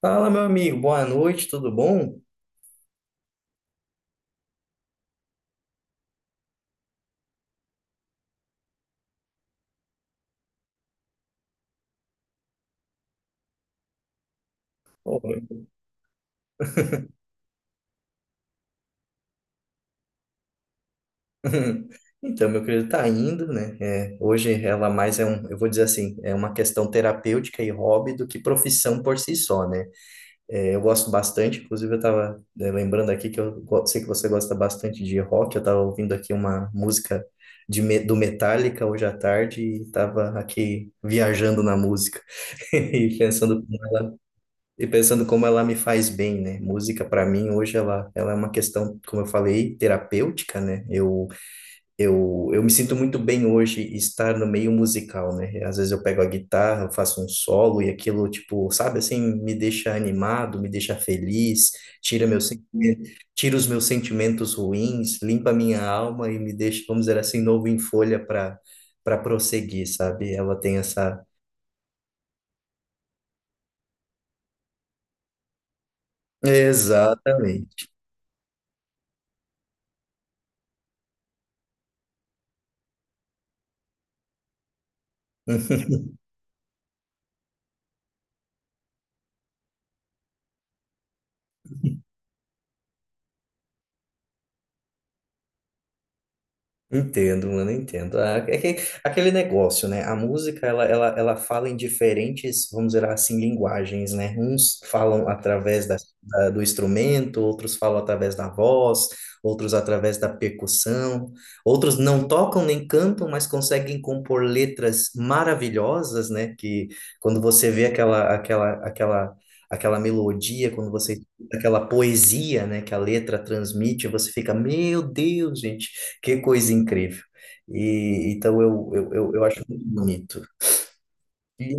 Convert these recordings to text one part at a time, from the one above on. Fala, meu amigo, boa noite, tudo bom? Pô. Então, meu querido, tá indo, né? É, hoje ela mais é um, eu vou dizer assim, é uma questão terapêutica e hobby do que profissão por si só, né? É, eu gosto bastante. Inclusive, eu tava, né, lembrando aqui que sei que você gosta bastante de rock. Eu tava ouvindo aqui uma música do Metallica hoje à tarde e tava aqui viajando na música. E pensando, e pensando como ela me faz bem, né? Música para mim hoje ela é uma questão, como eu falei, terapêutica, né? Eu me sinto muito bem hoje estar no meio musical, né? Às vezes eu pego a guitarra, eu faço um solo e aquilo, tipo, sabe assim, me deixa animado, me deixa feliz, tira meu sentimento, tira os meus sentimentos ruins, limpa minha alma e me deixa, vamos dizer assim, novo em folha para prosseguir, sabe? Ela tem essa. Exatamente. Entendo, mano, entendo. Ah, é que aquele negócio, né? A música, ela fala em diferentes, vamos dizer assim, linguagens, né? Uns falam através do instrumento, outros falam através da voz, outros através da percussão, outros não tocam nem cantam, mas conseguem compor letras maravilhosas, né? Que quando você vê aquela melodia, quando você daquela poesia, né, que a letra transmite, você fica, meu Deus, gente, que coisa incrível. E então eu acho muito bonito. E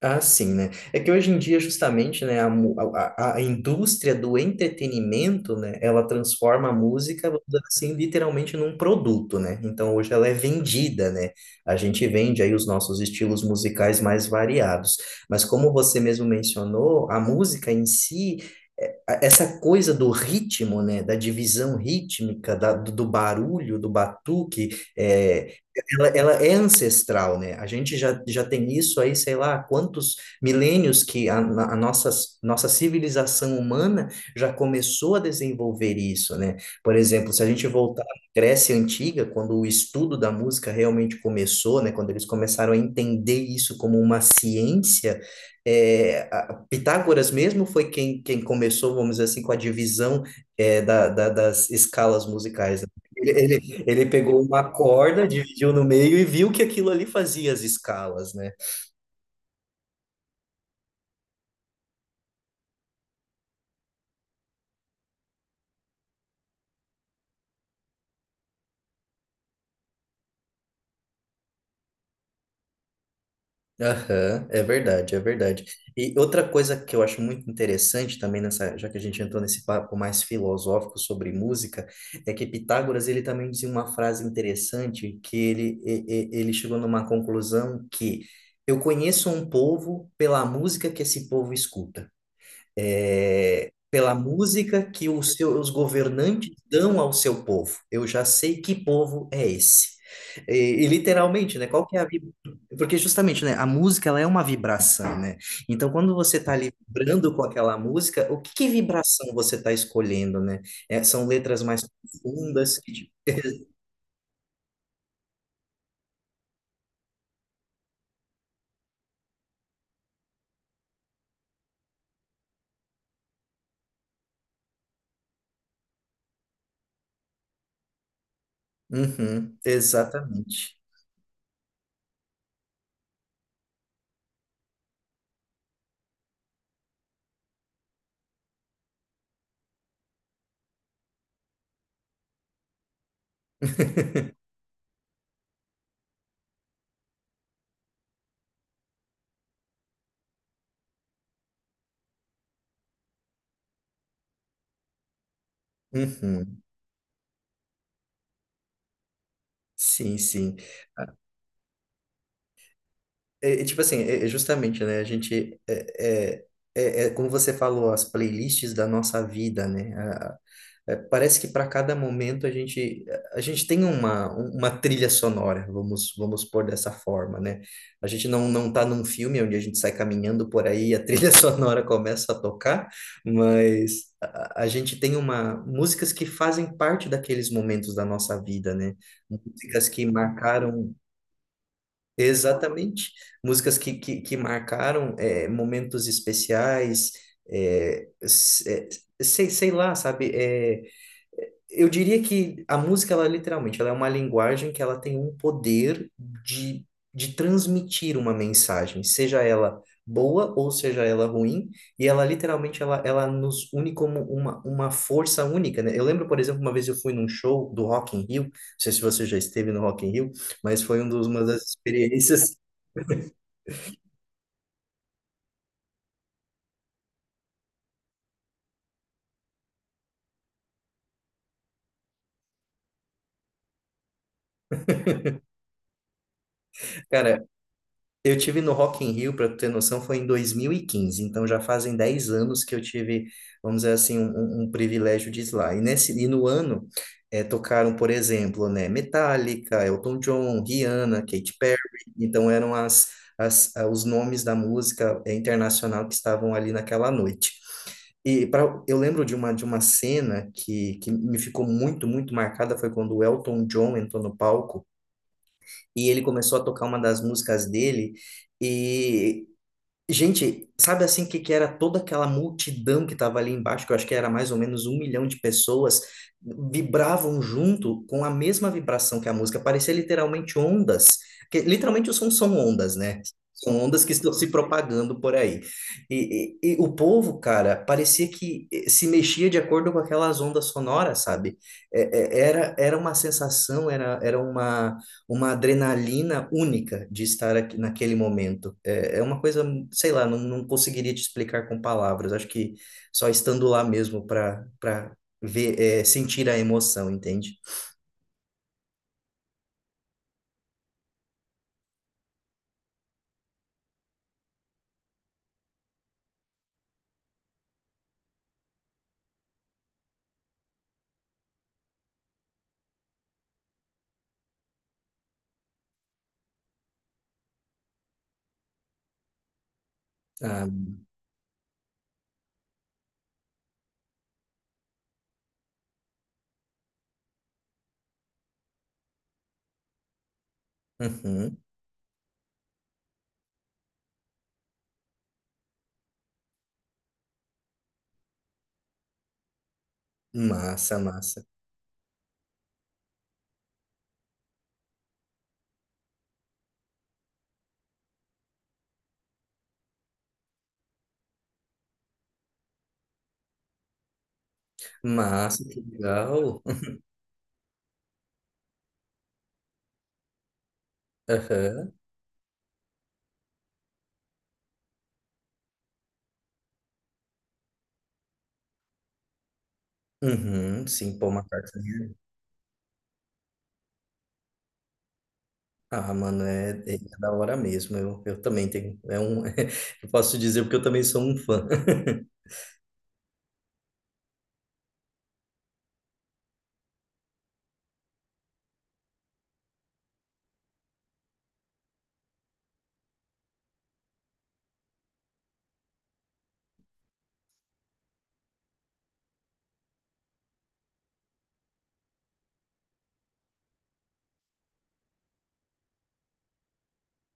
Ah, sim, né? É que hoje em dia, justamente, né, a, mu- a indústria do entretenimento, né, ela transforma a música, vamos dizer assim, literalmente num produto, né? Então, hoje ela é vendida, né? A gente vende aí os nossos estilos musicais mais variados. Mas como você mesmo mencionou, a música em si, é- a- essa coisa do ritmo, né, da divisão rítmica, da, do barulho, do batuque, é, ela é ancestral, né? A gente já tem isso aí, sei lá, há quantos milênios que a nossa, civilização humana já começou a desenvolver isso, né? Por exemplo, se a gente voltar à Grécia Antiga, quando o estudo da música realmente começou, né? Quando eles começaram a entender isso como uma ciência, é, Pitágoras mesmo foi quem começou, vamos dizer assim, com a divisão, é, da, das escalas musicais, né? Ele, ele ele pegou uma corda, dividiu no meio e viu que aquilo ali fazia as escalas, né? Aham, é verdade, é verdade. E outra coisa que eu acho muito interessante também nessa, já que a gente entrou nesse papo mais filosófico sobre música, é que Pitágoras, ele também dizia uma frase interessante que ele chegou numa conclusão que eu conheço um povo pela música que esse povo escuta, é, pela música que os seus governantes dão ao seu povo. Eu já sei que povo é esse. E, e literalmente, né? Qual que é a vib-. Porque justamente, né? A música, ela é uma vibração, né? Então, quando você está ali vibrando com aquela música, o que que vibração você está escolhendo, né? É, são letras mais profundas que te-. Uhum, exatamente. Uhum, sim, sim. É, é tipo assim, é justamente, né? A gente é, é como você falou, as playlists da nossa vida, né? A- é, parece que para cada momento a gente tem uma trilha sonora, vamos pôr dessa forma, né? A gente não tá num filme onde a gente sai caminhando por aí, e a trilha sonora começa a tocar, mas a gente tem uma músicas que fazem parte daqueles momentos da nossa vida, né? Músicas que marcaram. Exatamente. Músicas que marcaram é, momentos especiais, é, é, sei lá, sabe? É, eu diria que a música, ela literalmente, ela é uma linguagem que ela tem um poder de, de transmitir uma mensagem, seja ela boa ou seja ela ruim, e ela literalmente, ela nos une como uma força única, né? Eu lembro, por exemplo, uma vez eu fui num show do Rock in Rio, não sei se você já esteve no Rock in Rio, mas foi uma das experiências. Cara, eu tive no Rock in Rio, para ter noção, foi em 2015, então já fazem 10 anos que eu tive, vamos dizer assim, um privilégio de ir lá. E nesse e no ano tocaram, por exemplo, né, Metallica, Elton John, Rihanna, Katy Perry. Então eram os nomes da música internacional que estavam ali naquela noite. Eu lembro de uma cena que me ficou muito, muito marcada, foi quando o Elton John entrou no palco e ele começou a tocar uma das músicas dele, e gente, sabe assim o que que era toda aquela multidão que estava ali embaixo, que eu acho que era mais ou menos 1 milhão de pessoas, vibravam junto com a mesma vibração que a música, parecia literalmente ondas, que literalmente o som são ondas, né? São ondas que estão se propagando por aí. E o povo, cara, parecia que se mexia de acordo com aquelas ondas sonoras, sabe? Era uma sensação, era uma adrenalina única de estar aqui naquele momento. É uma coisa, sei lá, não conseguiria te explicar com palavras. Acho que só estando lá mesmo para ver, é, sentir a emoção, entende? Ah, uhum. Massa, massa. Massa, que legal. Aham. Uhum. Sim, pô, McCartney. Ah, mano, é, é da hora mesmo. Eu também tenho. É um, eu posso dizer porque eu também sou um fã.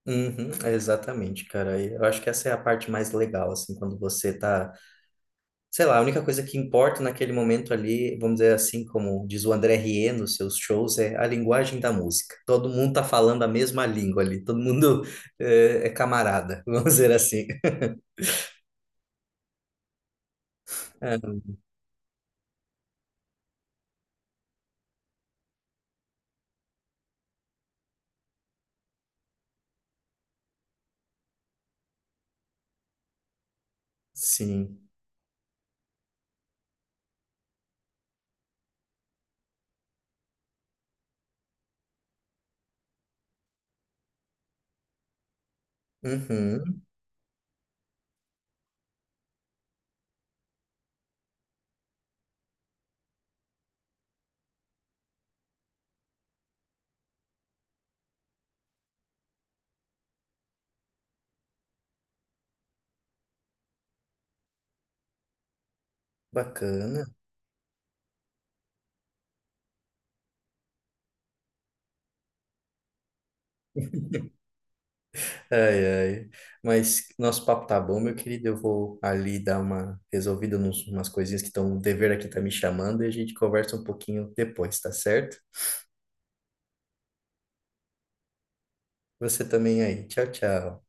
Uhum, exatamente, cara. Eu acho que essa é a parte mais legal, assim, quando você tá sei lá, a única coisa que importa naquele momento ali, vamos dizer assim, como diz o André Rieu nos seus shows, é a linguagem da música. Todo mundo tá falando a mesma língua ali, todo mundo é, camarada, vamos dizer assim. Ah, sim. Uhum, bacana. Ai, ai. Mas nosso papo tá bom, meu querido. Eu vou ali dar uma resolvida nos umas coisinhas que estão, o dever aqui tá me chamando e a gente conversa um pouquinho depois, tá certo? Você também aí. Tchau, tchau.